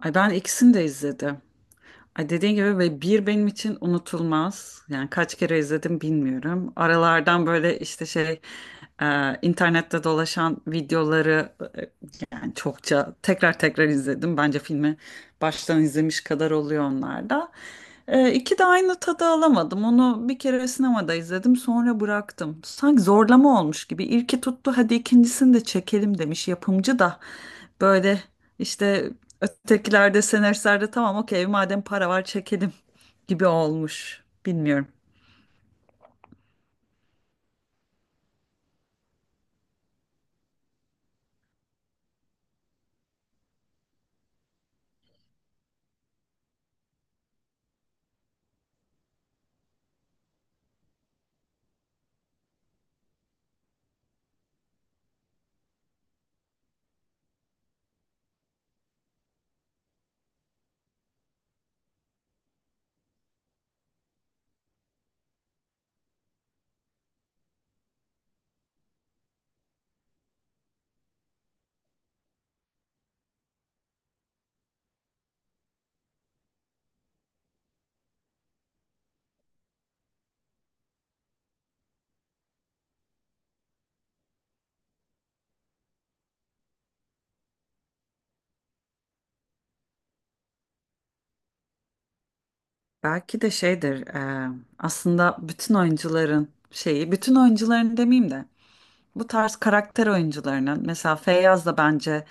Ay ben ikisini de izledim. Ay dediğin gibi ve bir benim için unutulmaz. Yani kaç kere izledim bilmiyorum. Aralardan böyle işte şey internette dolaşan videoları e, yani çokça tekrar tekrar izledim. Bence filmi baştan izlemiş kadar oluyor onlarda. E, iki de aynı tadı alamadım. Onu bir kere sinemada izledim sonra bıraktım. Sanki zorlama olmuş gibi. İlki tuttu hadi ikincisini de çekelim demiş yapımcı da. Böyle işte ötekilerde senaristlerde tamam okey madem para var çekelim gibi olmuş. Bilmiyorum. Belki de şeydir aslında bütün oyuncuların şeyi bütün oyuncuların demeyeyim de bu tarz karakter oyuncularının mesela Feyyaz da bence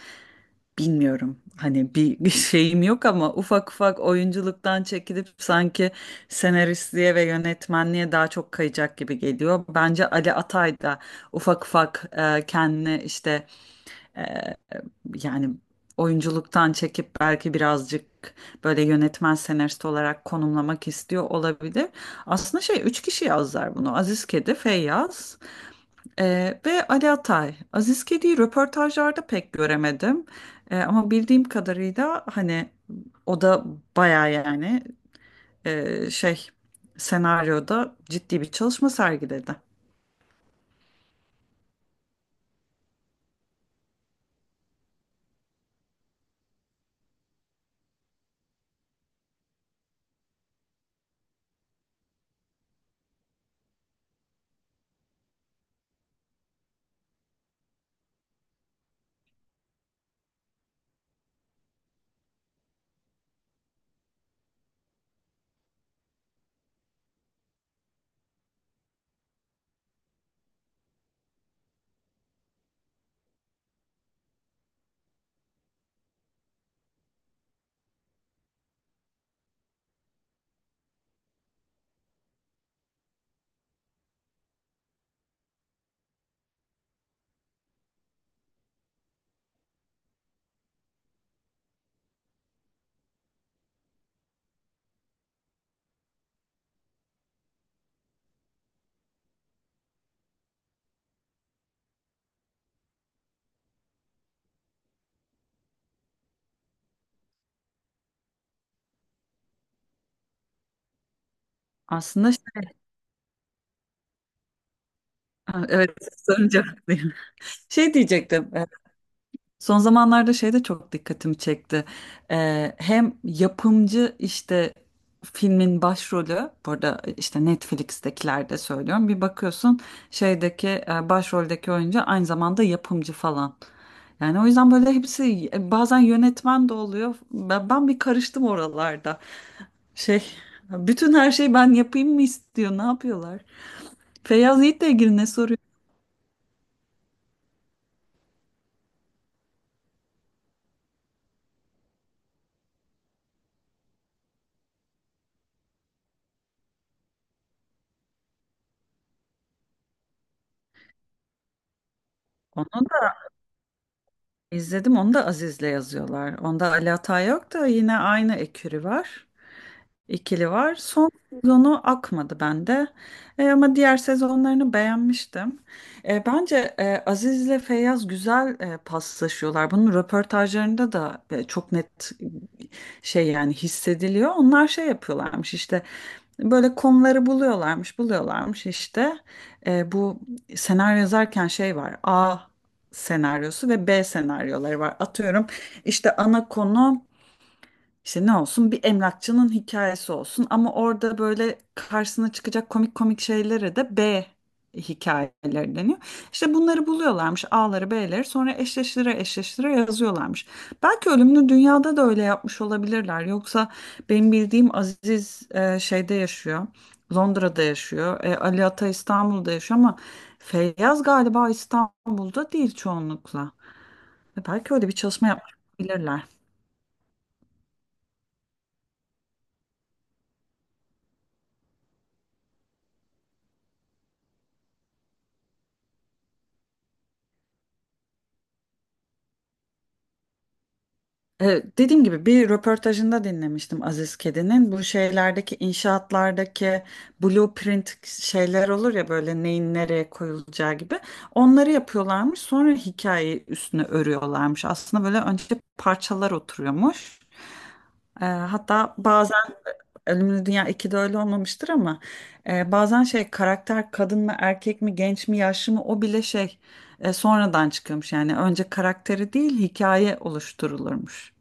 bilmiyorum hani bir şeyim yok ama ufak ufak oyunculuktan çekilip sanki senaristliğe ve yönetmenliğe daha çok kayacak gibi geliyor. Bence Ali Atay da ufak ufak kendini işte e, yani oyunculuktan çekip belki birazcık böyle yönetmen senarist olarak konumlamak istiyor olabilir. Aslında şey üç kişi yazlar bunu. Aziz Kedi, Feyyaz e, ve Ali Atay. Aziz Kedi'yi röportajlarda pek göremedim. Ama bildiğim kadarıyla hani o da baya yani şey senaryoda ciddi bir çalışma sergiledi. Aslında Ha, evet sorunca haklıyım. Şey diyecektim. Son zamanlarda şey de çok dikkatimi çekti. Hem yapımcı işte filmin başrolü, burada işte Netflix'tekilerde söylüyorum. Bir bakıyorsun şeydeki başroldeki oyuncu aynı zamanda yapımcı falan. Yani o yüzden böyle hepsi bazen yönetmen de oluyor. Ben bir karıştım oralarda. Şey, bütün her şeyi ben yapayım mı istiyor, ne yapıyorlar? Feyyaz Yiğit'le ilgili ne soruyor? İzledim onu da Aziz'le yazıyorlar. Onda Ali Atay yok da yine aynı ekürü var ikili var. Son sezonu akmadı bende. Ama diğer sezonlarını beğenmiştim. Bence Aziz ile Feyyaz güzel paslaşıyorlar. Bunun röportajlarında da çok net şey yani hissediliyor. Onlar şey yapıyorlarmış işte böyle konuları buluyorlarmış, buluyorlarmış işte. Bu senaryo yazarken şey var. A senaryosu ve B senaryoları var. Atıyorum işte ana konu işte ne olsun bir emlakçının hikayesi olsun ama orada böyle karşısına çıkacak komik komik şeylere de B hikayeleri deniyor. İşte bunları buluyorlarmış A'ları B'leri sonra eşleştire eşleştire yazıyorlarmış. Belki Ölümlü Dünya'da da öyle yapmış olabilirler. Yoksa benim bildiğim Aziz şeyde yaşıyor. Londra'da yaşıyor. Ali Ata İstanbul'da yaşıyor ama Feyyaz galiba İstanbul'da değil çoğunlukla. Belki öyle bir çalışma yapmış olabilirler. Dediğim gibi bir röportajında dinlemiştim Aziz Kedi'nin. Bu şeylerdeki inşaatlardaki blueprint şeyler olur ya böyle neyin nereye koyulacağı gibi. Onları yapıyorlarmış sonra hikayeyi üstüne örüyorlarmış. Aslında böyle önce parçalar oturuyormuş. Hatta bazen Ölümlü Dünya ikide öyle olmamıştır ama bazen şey karakter kadın mı erkek mi genç mi yaşlı mı o bile şey sonradan çıkıyormuş. Yani önce karakteri değil hikaye oluşturulurmuş.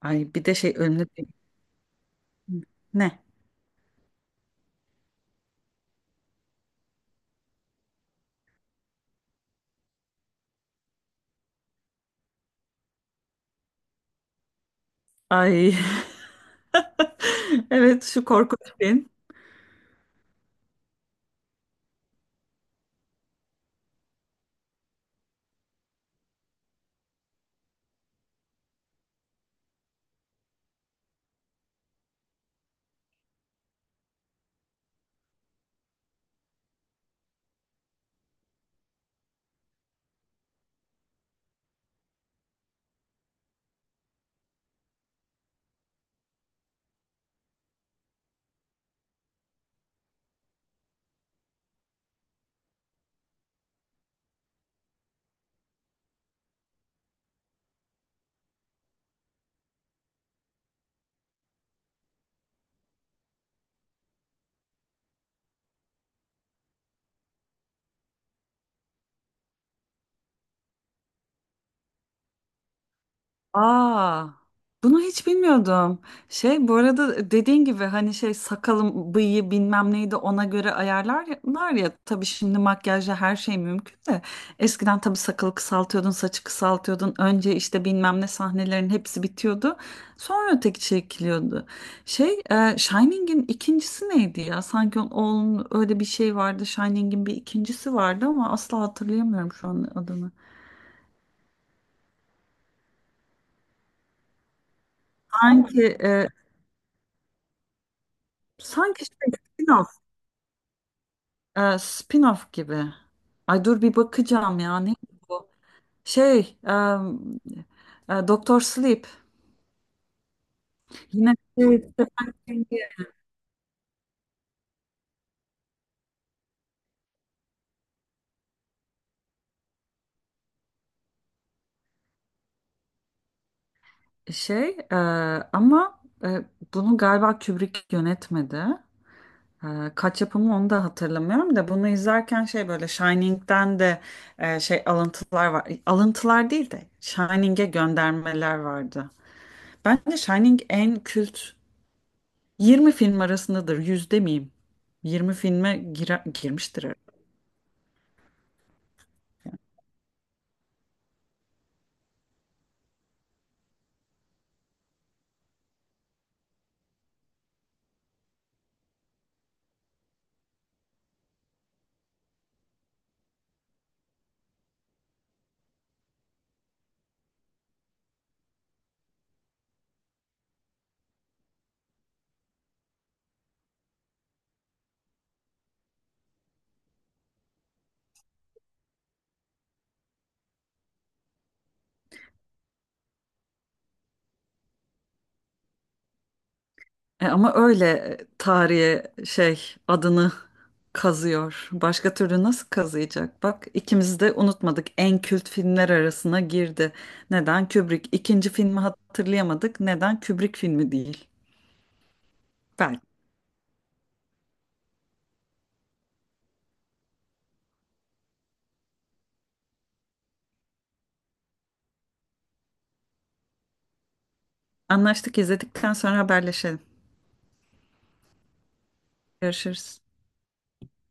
Ay bir de şey önlü. Ne? Ay. Evet şu korkunç film. Aa, bunu hiç bilmiyordum. Şey bu arada dediğin gibi hani şey sakalım, bıyığı bilmem neydi ona göre ayarlarlar ya. Tabii şimdi makyajla her şey mümkün de. Eskiden tabii sakalı kısaltıyordun, saçı kısaltıyordun. Önce işte bilmem ne sahnelerin hepsi bitiyordu. Sonra öteki çekiliyordu. Şey, Shining'in ikincisi neydi ya? Sanki onun öyle bir şey vardı. Shining'in bir ikincisi vardı ama asla hatırlayamıyorum şu an adını. Sanki e, sanki şey, spin-off. Spin-off gibi. Ay dur bir bakacağım ya. Neydi bu? Şey, Doktor Sleep. Yine evet. şey e, ama bunu galiba Kubrick yönetmedi. E, kaç yapımı onu da hatırlamıyorum da bunu izlerken şey böyle Shining'den de şey alıntılar var. Alıntılar değil de Shining'e göndermeler vardı. Bence Shining en kült 20 film arasındadır. 100 demeyeyim. 20 filme girer, girmiştir herhalde. Ama öyle tarihe şey adını kazıyor. Başka türlü nasıl kazıyacak? Bak ikimiz de unutmadık. En kült filmler arasına girdi. Neden Kubrick? İkinci filmi hatırlayamadık. Neden Kubrick filmi değil? Belki. Anlaştık izledikten sonra haberleşelim. Görüşürüz.